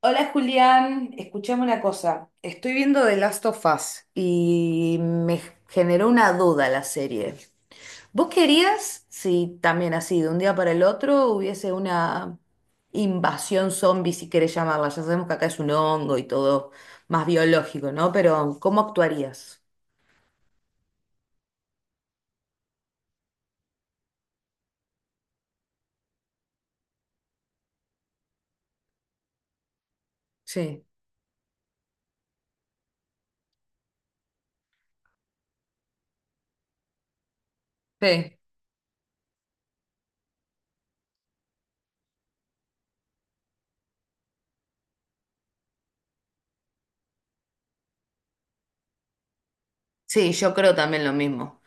Hola Julián, escuchame una cosa. Estoy viendo The Last of Us y me generó una duda la serie. ¿Vos querías, si también así, de un día para el otro hubiese una invasión zombie, si querés llamarla? Ya sabemos que acá es un hongo y todo más biológico, ¿no? Pero ¿cómo actuarías? Sí. Sí, sí, yo creo también lo mismo.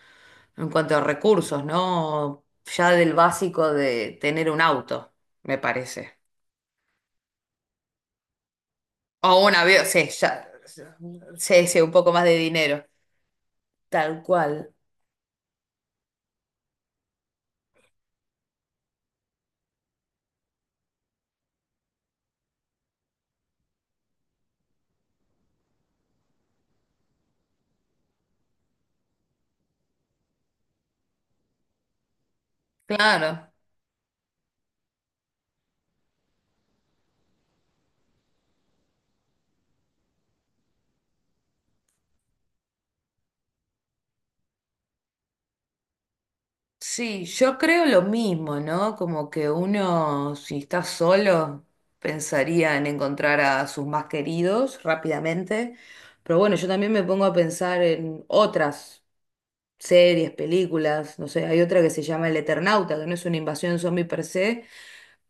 En cuanto a recursos, ¿no? Ya del básico de tener un auto, me parece. O un avión, sí, ya. Sí, sí, un poco más de dinero. Tal cual. Claro. Sí, yo creo lo mismo, ¿no? Como que uno, si está solo, pensaría en encontrar a sus más queridos rápidamente. Pero bueno, yo también me pongo a pensar en otras series, películas. No sé, hay otra que se llama El Eternauta, que no es una invasión zombie per se,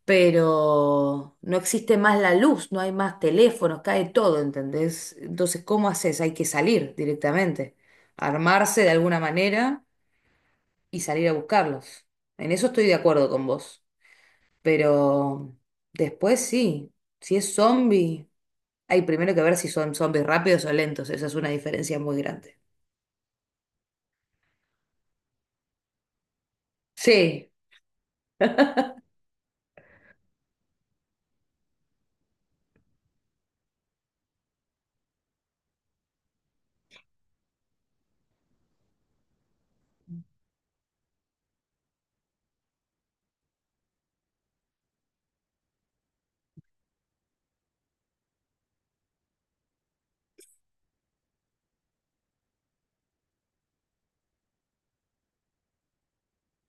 pero no existe más la luz, no hay más teléfonos, cae todo, ¿entendés? Entonces, ¿cómo haces? Hay que salir directamente, armarse de alguna manera y salir a buscarlos. En eso estoy de acuerdo con vos, pero después sí, si es zombie, hay primero que ver si son zombies rápidos o lentos, esa es una diferencia muy grande. Sí,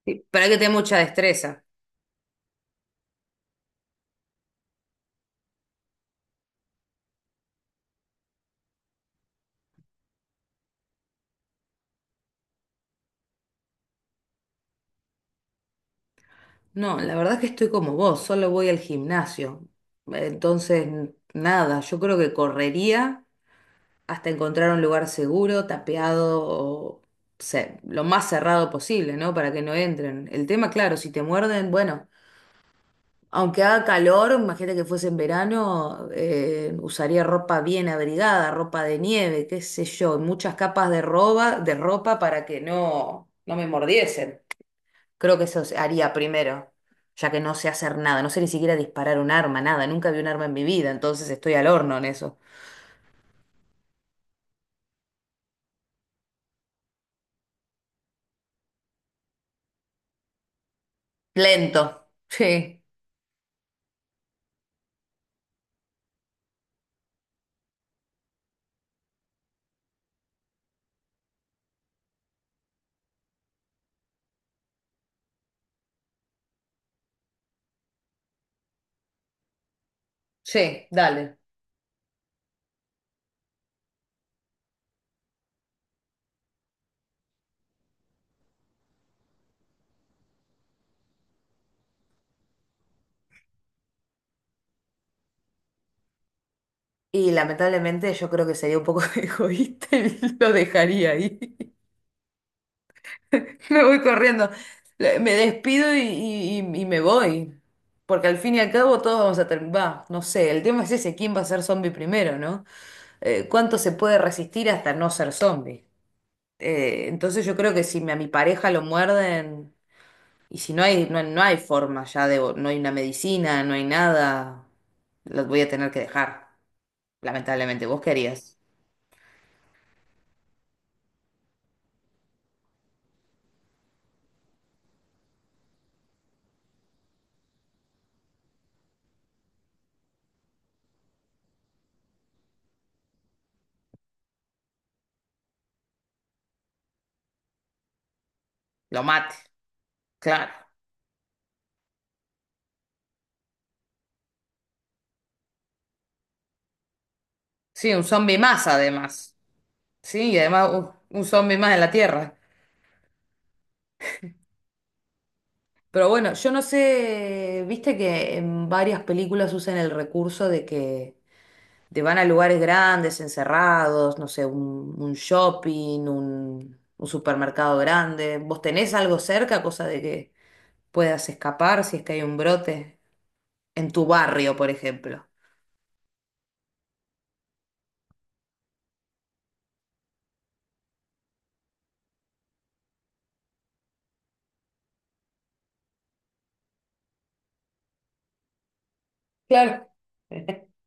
sí, pero hay que tener mucha destreza. No, la verdad que estoy como vos, solo voy al gimnasio. Entonces, nada, yo creo que correría hasta encontrar un lugar seguro, tapeado o lo más cerrado posible, ¿no? Para que no entren. El tema, claro, si te muerden, bueno, aunque haga calor, imagínate que fuese en verano, usaría ropa bien abrigada, ropa de nieve, qué sé yo, muchas capas de ropa para que no me mordiesen. Creo que eso se haría primero, ya que no sé hacer nada, no sé ni siquiera disparar un arma, nada, nunca vi un arma en mi vida, entonces estoy al horno en eso. Lento. Sí, sí, dale. Y lamentablemente yo creo que sería un poco egoísta y lo dejaría ahí. Me voy corriendo, me despido y me voy. Porque al fin y al cabo todos vamos a terminar, va, no sé, el tema es ese, ¿quién va a ser zombie primero, no? ¿Cuánto se puede resistir hasta no ser zombie? Entonces yo creo que si a mi pareja lo muerden, y si no hay, no hay forma ya de, no hay una medicina, no hay nada, los voy a tener que dejar, lamentablemente. ¿Vos querías? Lo mate, claro. Sí, un zombie más además. Sí, y además un zombie más en la Tierra. Pero bueno, yo no sé, viste que en varias películas usan el recurso de que te van a lugares grandes, encerrados, no sé, un shopping, un supermercado grande. ¿Vos tenés algo cerca, cosa de que puedas escapar si es que hay un brote? En tu barrio, por ejemplo. Claro.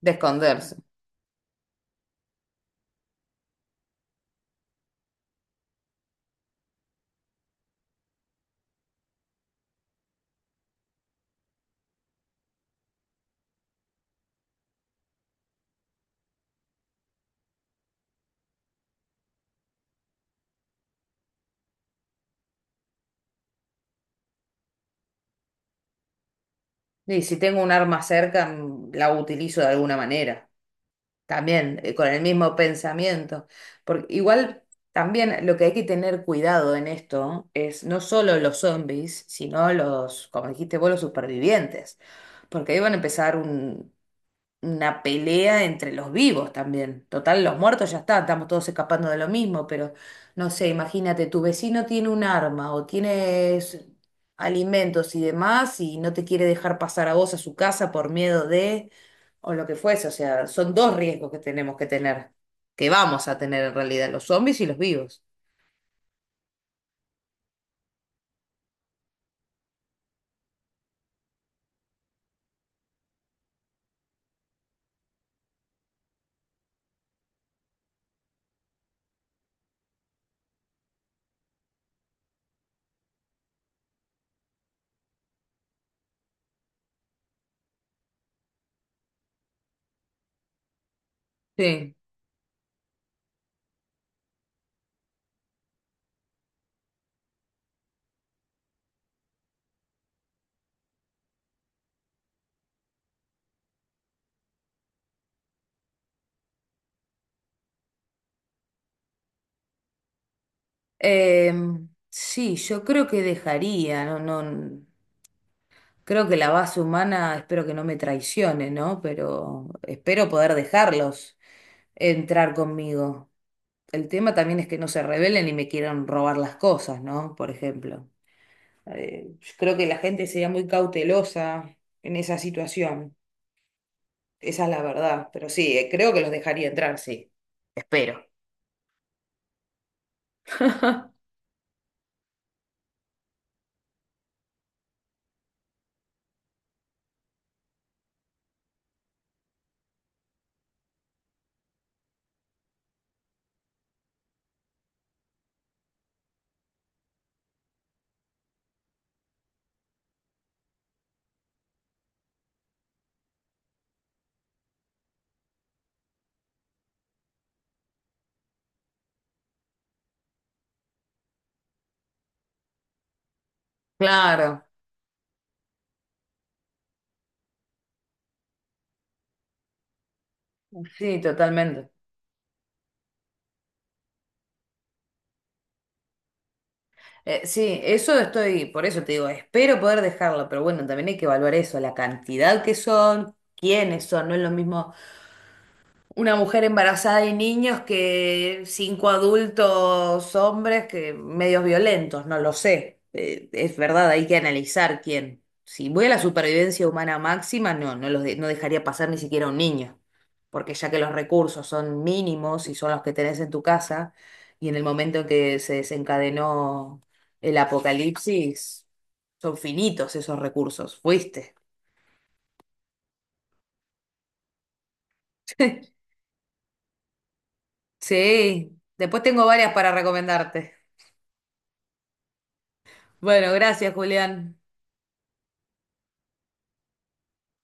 De esconderse. Y si tengo un arma cerca, la utilizo de alguna manera. También, con el mismo pensamiento. Porque igual también lo que hay que tener cuidado en esto es no solo los zombies, sino los, como dijiste vos, los supervivientes. Porque ahí van a empezar una pelea entre los vivos también. Total, los muertos ya están, estamos todos escapando de lo mismo, pero no sé, imagínate, tu vecino tiene un arma o tienes alimentos y demás y no te quiere dejar pasar a vos a su casa por miedo de, o lo que fuese, o sea, son dos riesgos que tenemos que tener, que vamos a tener en realidad, los zombies y los vivos. Sí. Sí, yo creo que dejaría, no, no. Creo que la base humana, espero que no me traicione, ¿no? Pero espero poder dejarlos entrar conmigo. El tema también es que no se rebelen y me quieran robar las cosas, ¿no? Por ejemplo. Yo creo que la gente sería muy cautelosa en esa situación. Esa es la verdad. Pero sí, creo que los dejaría entrar, sí. Espero. Claro, sí, totalmente. Sí, eso estoy, por eso te digo, espero poder dejarlo, pero bueno, también hay que evaluar eso, la cantidad que son, quiénes son, no es lo mismo una mujer embarazada y niños que cinco adultos hombres que medios violentos, no lo sé. Es verdad, hay que analizar quién. Si voy a la supervivencia humana máxima, no, no dejaría pasar ni siquiera a un niño, porque ya que los recursos son mínimos y son los que tenés en tu casa, y en el momento en que se desencadenó el apocalipsis, son finitos esos recursos. Fuiste. Sí, después tengo varias para recomendarte. Bueno, gracias, Julián.